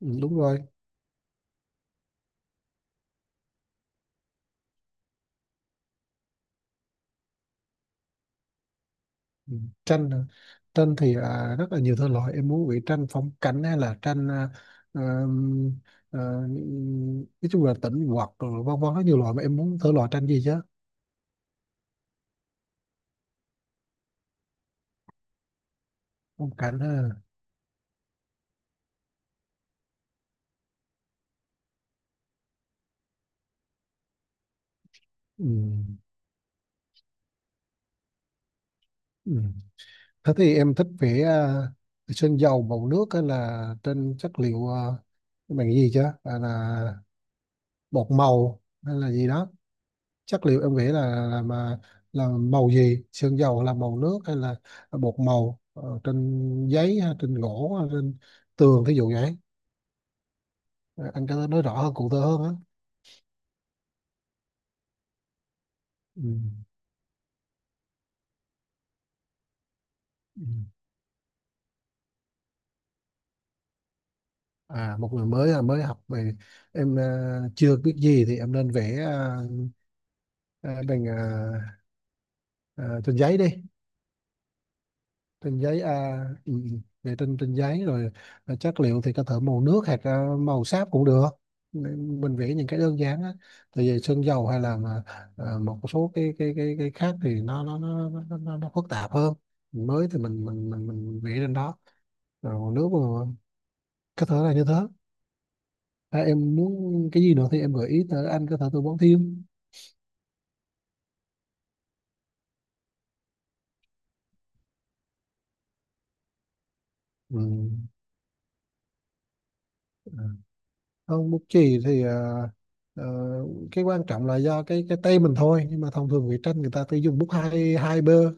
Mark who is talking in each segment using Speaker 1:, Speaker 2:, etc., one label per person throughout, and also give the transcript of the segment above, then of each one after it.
Speaker 1: Ừ, đúng rồi. Ừ, Tranh à. Tranh thì rất là nhiều thể loại. Em muốn vẽ tranh phong cảnh hay là tranh ờm, ờ, nói chung là tĩnh hoặc rồi vân vân, rất nhiều loại, mà em muốn thể loại tranh gì chứ? Phong cảnh ha. Ừ. Ừ. Thế thì em thích vẽ sơn dầu, màu nước, hay là trên chất liệu bằng cái gì chứ, là bột màu hay là gì đó? Chất liệu em nghĩ là mà là màu gì, sơn dầu là màu nước hay là bột màu, trên giấy hay trên gỗ hay trên tường, thí dụ vậy. Ờ, anh có nói rõ hơn, cụ thể hơn á. ừ. ừ. Một người mới, mới học về, em chưa biết gì thì em nên vẽ ờ, bằng ờ, ờ, trên giấy đi. Trên giấy, vệ tinh trên giấy rồi. Chất liệu thì có thể màu nước hoặc màu sáp cũng được. Nên mình vẽ những cái đơn giản á, tại vì sơn dầu hay là một số cái khác thì nó phức tạp hơn. Mới thì mình vẽ lên đó rồi còn nước mà, có thể là như thế. À, em muốn cái gì nữa thì em gợi ý tới, anh có thể tư vấn thêm. Ừ. à, Không, bút chì thì ờ, cái quan trọng là do cái tay mình thôi, nhưng mà thông thường vẽ tranh người ta cứ dùng bút hai hai bơ.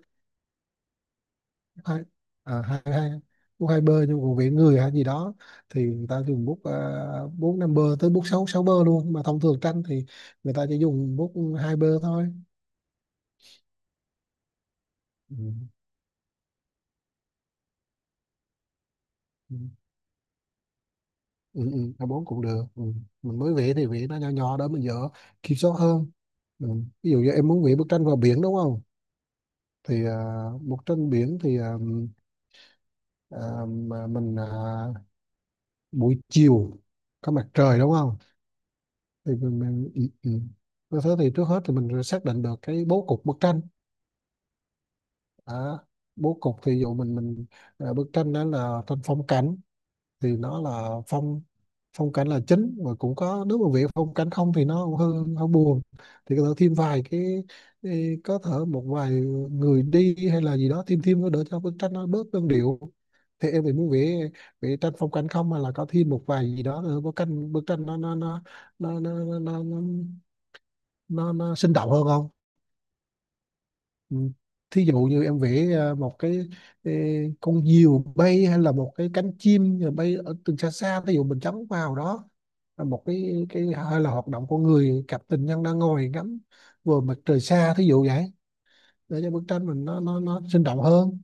Speaker 1: Bút hai, à, hai hai bút 2B. Nhưng còn vẽ người hay gì đó thì người ta dùng bút 4, 5B tới bút sáu sáu bơ luôn, nhưng mà thông thường tranh thì người ta chỉ dùng bút 2B thôi. Ừ. Ừ. Ừ, A4 cũng được. Ừ. Mình mới vẽ thì vẽ nó nhỏ nhỏ đó, mình dở kiểm soát hơn. Ừ. Ví dụ như em muốn vẽ bức tranh vào biển đúng không, thì bức tranh biển thì à, mà mình buổi chiều có mặt trời đúng không, thì mình ừ, ừ. như thế thì trước hết thì mình xác định được cái bố cục bức tranh. à, Bố cục thì dụ mình à, bức tranh đó là tranh phong cảnh, thì nó là phong phong cảnh là chính, và cũng có, nếu mà việc phong cảnh không thì nó cũng hơi hơi buồn, thì có thể thêm vài cái có thể một vài người đi hay là gì đó, thêm thêm nó đỡ cho bức tranh nó bớt đơn điệu. Thì em thì muốn vẽ vẽ tranh phong cảnh không, mà là có thêm một vài gì đó nữa, bức tranh nó nó nó nó, nó, nó sinh động hơn không? Ừ. Thí dụ như em vẽ một cái, ê, con diều bay hay là một cái cánh chim rồi bay ở từ xa xa, thí dụ mình chấm vào đó là một cái hay là hoạt động của người, cặp tình nhân đang ngồi ngắm vừa mặt trời xa, thí dụ vậy, để cho bức tranh mình nó sinh động hơn.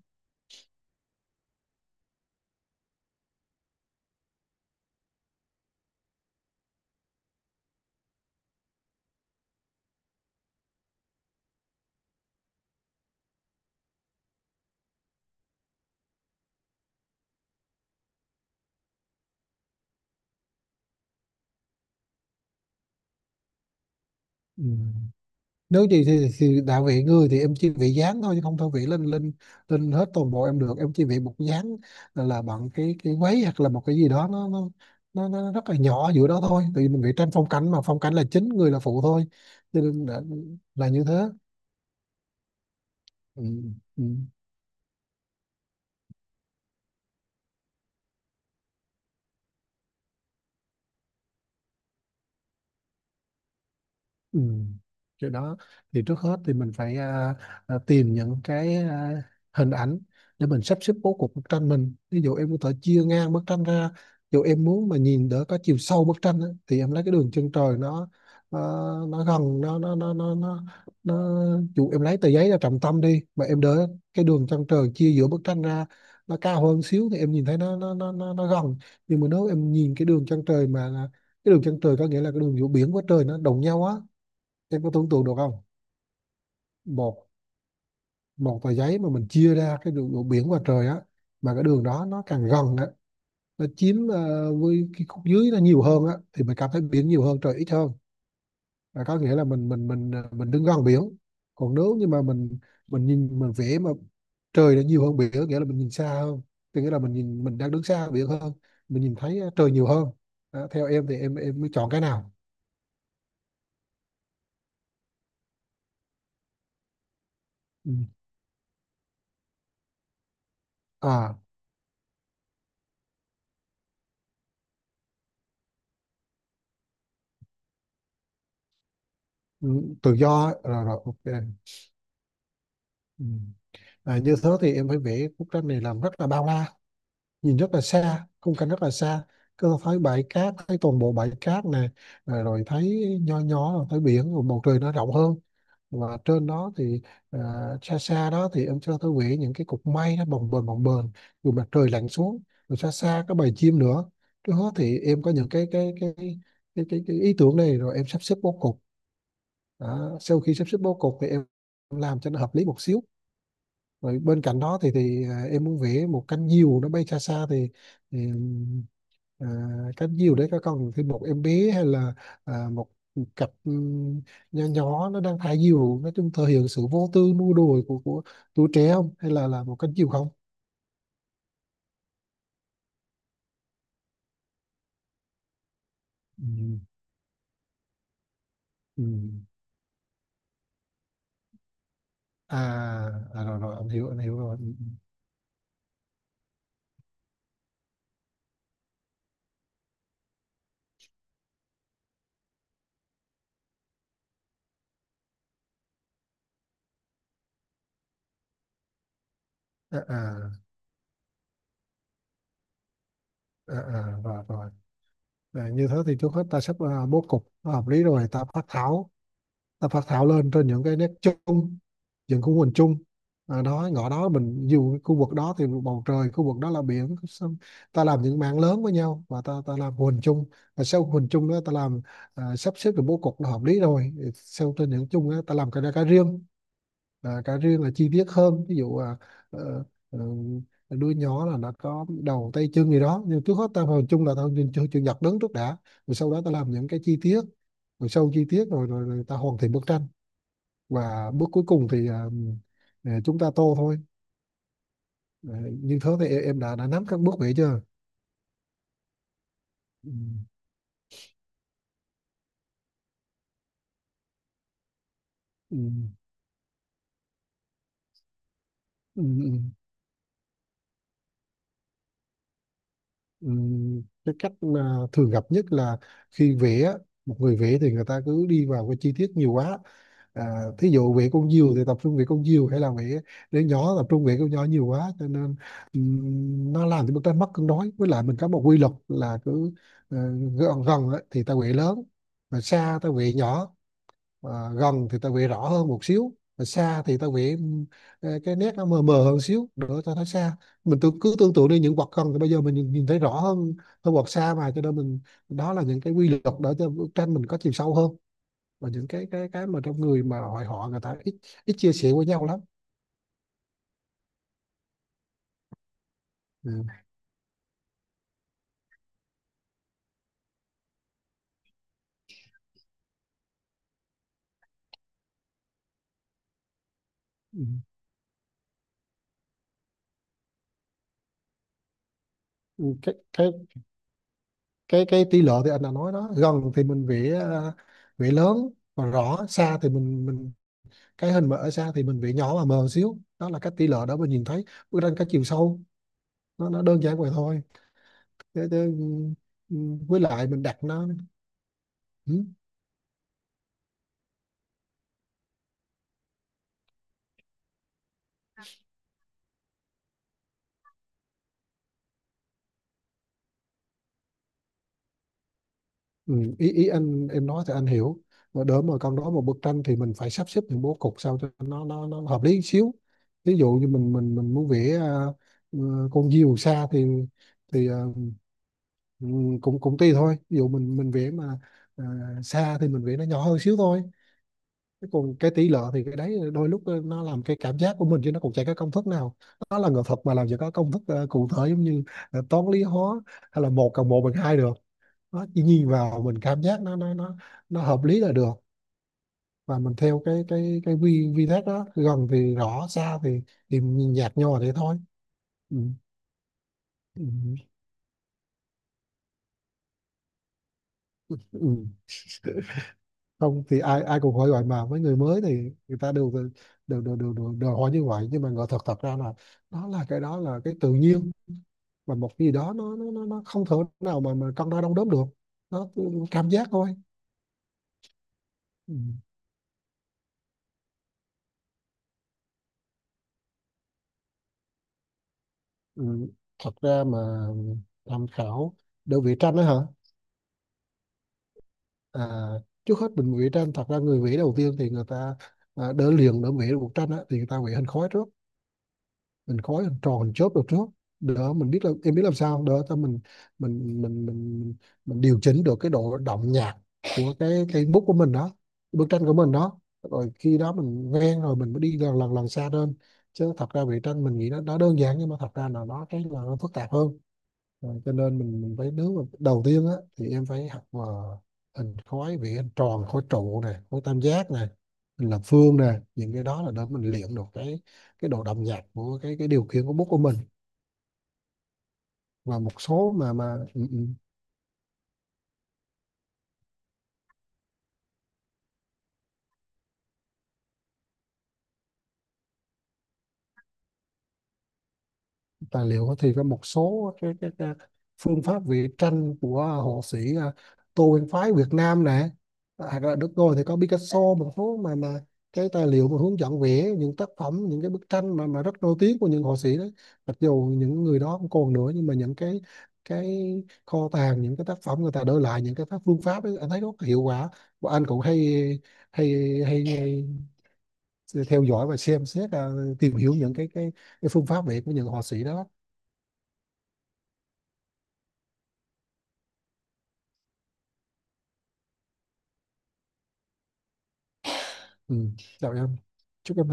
Speaker 1: Ừ. Nếu gì thì đạo vị người thì em chỉ vị dáng thôi chứ không thôi vị lên lên lên hết toàn bộ em được, em chỉ vị một dáng, là bằng cái váy hoặc là một cái gì đó, nó rất là nhỏ giữa đó thôi, tại vì mình vị tranh phong cảnh, mà phong cảnh là chính, người là phụ thôi, cho nên là như thế. Ừ. Ừ. Ừ. Cái đó thì trước hết thì mình phải tìm những cái hình ảnh để mình sắp xếp bố cục bức tranh mình. Ví dụ em có thể chia ngang bức tranh ra, ví dụ em muốn mà nhìn đỡ có chiều sâu bức tranh á, thì em lấy cái đường chân trời, nó nó gần nó dù em lấy tờ giấy ra trọng tâm đi mà em đỡ, cái đường chân trời chia giữa bức tranh ra, nó cao hơn xíu thì em nhìn thấy nó gần. Nhưng mà nếu em nhìn cái đường chân trời mà cái đường chân trời có nghĩa là cái đường giữa biển với trời nó đồng nhau á. Em có tưởng tượng được không? Một Một tờ giấy mà mình chia ra cái đường, đường biển và trời á, mà cái đường đó nó càng gần á, nó chiếm với cái khúc dưới nó nhiều hơn á thì mình cảm thấy biển nhiều hơn, trời ít hơn, là có nghĩa là mình đứng gần biển. Còn nếu như mà mình vẽ mà trời nó nhiều hơn biển, nghĩa là mình nhìn xa hơn, thì nghĩa là mình nhìn, mình đang đứng xa biển hơn, mình nhìn thấy trời nhiều hơn. Đó, theo em thì em mới chọn cái nào? Ừ. à ừ, tự do á. Rồi rồi, ok. Ừ. Và như thế thì em phải vẽ bức tranh này làm rất là bao la, nhìn rất là xa, khung cảnh rất là xa, cứ thấy bãi cát, thấy toàn bộ bãi cát này, rồi thấy nho nhỏ, rồi thấy biển, rồi bầu trời nó rộng hơn, và trên đó thì à, xa xa đó thì em cho tôi vẽ những cái cục mây nó bồng bềnh bồng bềnh, rồi mặt trời lặn xuống, rồi xa xa có bầy chim nữa. Trước hết thì em có những cái ý tưởng này, rồi em sắp xếp bố cục. Đó, sau khi sắp xếp bố cục thì em làm cho nó hợp lý một xíu, rồi bên cạnh đó thì em muốn vẽ một cánh diều nó bay xa xa thì, thì à, cánh diều đấy có còn thêm một em bé hay là một cặp nho nhỏ nó đang thả diều, nói chung thể hiện sự vô tư nua đùa của tuổi trẻ không, hay là một cánh diều không? Ừ. Ừ. À, à rồi rồi, anh hiểu, anh hiểu rồi. Ừ, ừ. à, à, à, à rồi rồi Như thế thì trước hết ta sắp bố cục nó hợp lý, rồi ta phát thảo lên trên những cái nét chung, những khu hình chung. Đó, ngõ đó mình dù cái khu vực đó thì bầu trời, khu vực đó là biển, xong ta làm những mảng lớn với nhau, và ta ta làm hình chung, và sau hình chung đó ta làm, sắp xếp được bố cục nó hợp lý, rồi sau trên những chung đó, ta làm cái ra cái riêng. Cá riêng là chi tiết hơn, ví dụ ờ, ờ, đuôi nhỏ là nó có đầu, tay, chân gì đó, nhưng trước hết ta vào chung là ta nhìn chữ chữ nhật đứng trước đã, rồi sau đó ta làm những cái chi tiết, rồi sâu chi tiết rồi rồi, rồi ta hoàn thiện bức tranh. Và bước cuối cùng thì chúng ta tô thôi. Ờ, như thế thì em đã nắm các bước vậy chưa? ừ, ừ, ừ, ừ, ừ. Cái cách mà thường gặp nhất là khi vẽ, một người vẽ thì người ta cứ đi vào cái chi tiết nhiều quá. Thí dụ việc con diều thì tập trung việc con diều, hay là việc đứa nhỏ tập trung việc con nhỏ nhiều quá, cho nên nó làm cho bức tranh mất cân đối. Với lại mình có một quy luật là cứ ờ, gần gần á thì ta quệ lớn, mà xa ta quệ nhỏ. Ờ, gần thì ta quệ rõ hơn một xíu, mà xa thì ta quệ cái nét nó mờ mờ hơn xíu nữa ta thấy xa. Mình tự, cứ tưởng tượng đi, những vật gần thì bây giờ mình nhìn thấy rõ hơn hơn vật xa mà, cho nên mình, đó là những cái quy luật để cho bức tranh mình có chiều sâu hơn. Và những cái mà trong người mà hội họ, người ta ít ít chia sẻ với nhau lắm. Ừ. Ừ. Ừ, cái cái cái tỷ lệ thì anh đã nói đó, gần thì mình vẽ vẽ lớn và rõ, xa thì mình cái hình mà ở xa thì mình vẽ nhỏ và mờ xíu, đó là cái tỷ lệ đó, mình nhìn thấy bức tranh cái chiều sâu, nó đơn giản vậy thôi. Thế, thế, ừ, ừ, Với lại mình đặt nó. Ừ. Ừ, ý ý anh em nói thì anh hiểu, mà đỡ mà con nói một bức tranh thì mình phải sắp xếp những bố cục sao cho nó hợp lý xíu. Ví dụ như mình muốn vẽ con diều xa thì thì à, ừ, cũng cũng tùy thôi. Ví dụ mình vẽ mà à, xa thì mình vẽ nó nhỏ hơn xíu thôi. Thế còn cái tỷ lệ thì cái đấy đôi lúc nó làm cái cảm giác của mình chứ nó cũng chả có công thức nào. Nó là nghệ thuật mà làm gì có công thức cụ thể, giống như toán lý hóa, hay là một cộng một bằng hai được. Nó chỉ nhìn vào mình cảm giác nó nó hợp lý là được. Và mình theo cái cái vi vi thác đó, gần thì rõ, xa thì nhìn nhạt nhòa thế thôi. Ừ. Ừ. Ừ. Không thì ai ai cũng hỏi gọi, mà với người mới thì người ta đều đều hỏi như vậy. Nhưng mà ngờ thật thật ra là đó là cái tự nhiên, và một cái gì đó nó không thể nào mà cân đo đong đếm được. Nó cảm giác thôi. Ừ. Ừ. Thật ra mà tham khảo đơn vị tranh đó hả? À, trước hết mình vẽ tranh, thật ra người vẽ đầu tiên thì người ta đỡ liền đỡ vẽ được bức tranh á, thì người ta vẽ hình khói trước. Hình khói, hình tròn, hình chớp được trước, đỡ mình biết là em biết làm sao đỡ cho mình, mình mình mình mình điều chỉnh được cái độ đậm nhạt của cái bút của mình đó, bức tranh của mình đó. Rồi khi đó mình quen rồi mình mới đi lần lần lần xa lên. Chứ thật ra vẽ tranh mình nghĩ nó đơn giản, nhưng mà thật ra là nó cái là nó phức tạp hơn. Rồi, cho nên mình phải, nếu mà đầu tiên á thì em phải học mà hình khối: vì hình tròn, khối trụ này, khối tam giác này, hình lập phương này. Những cái đó là để mình luyện được cái độ đậm nhạt của cái điều khiển của bút của mình. Và một số mà ừ. Tài liệu thì có một số cái phương pháp vẽ tranh của họa sĩ Tô Nguyên Phái Việt Nam nè, à, là được rồi. Thì có Picasso, một số mà cái tài liệu mà hướng dẫn vẽ những tác phẩm, những cái bức tranh mà rất nổi tiếng của những họa sĩ đấy. Mặc dù những người đó không còn nữa, nhưng mà những cái kho tàng, những cái tác phẩm người ta để lại, những cái phương pháp ấy, anh thấy rất hiệu quả. Và anh cũng hay hay theo dõi và xem xét, tìm hiểu những cái phương pháp vẽ của những họa sĩ đó. Ừ, chào em. Chúc em thành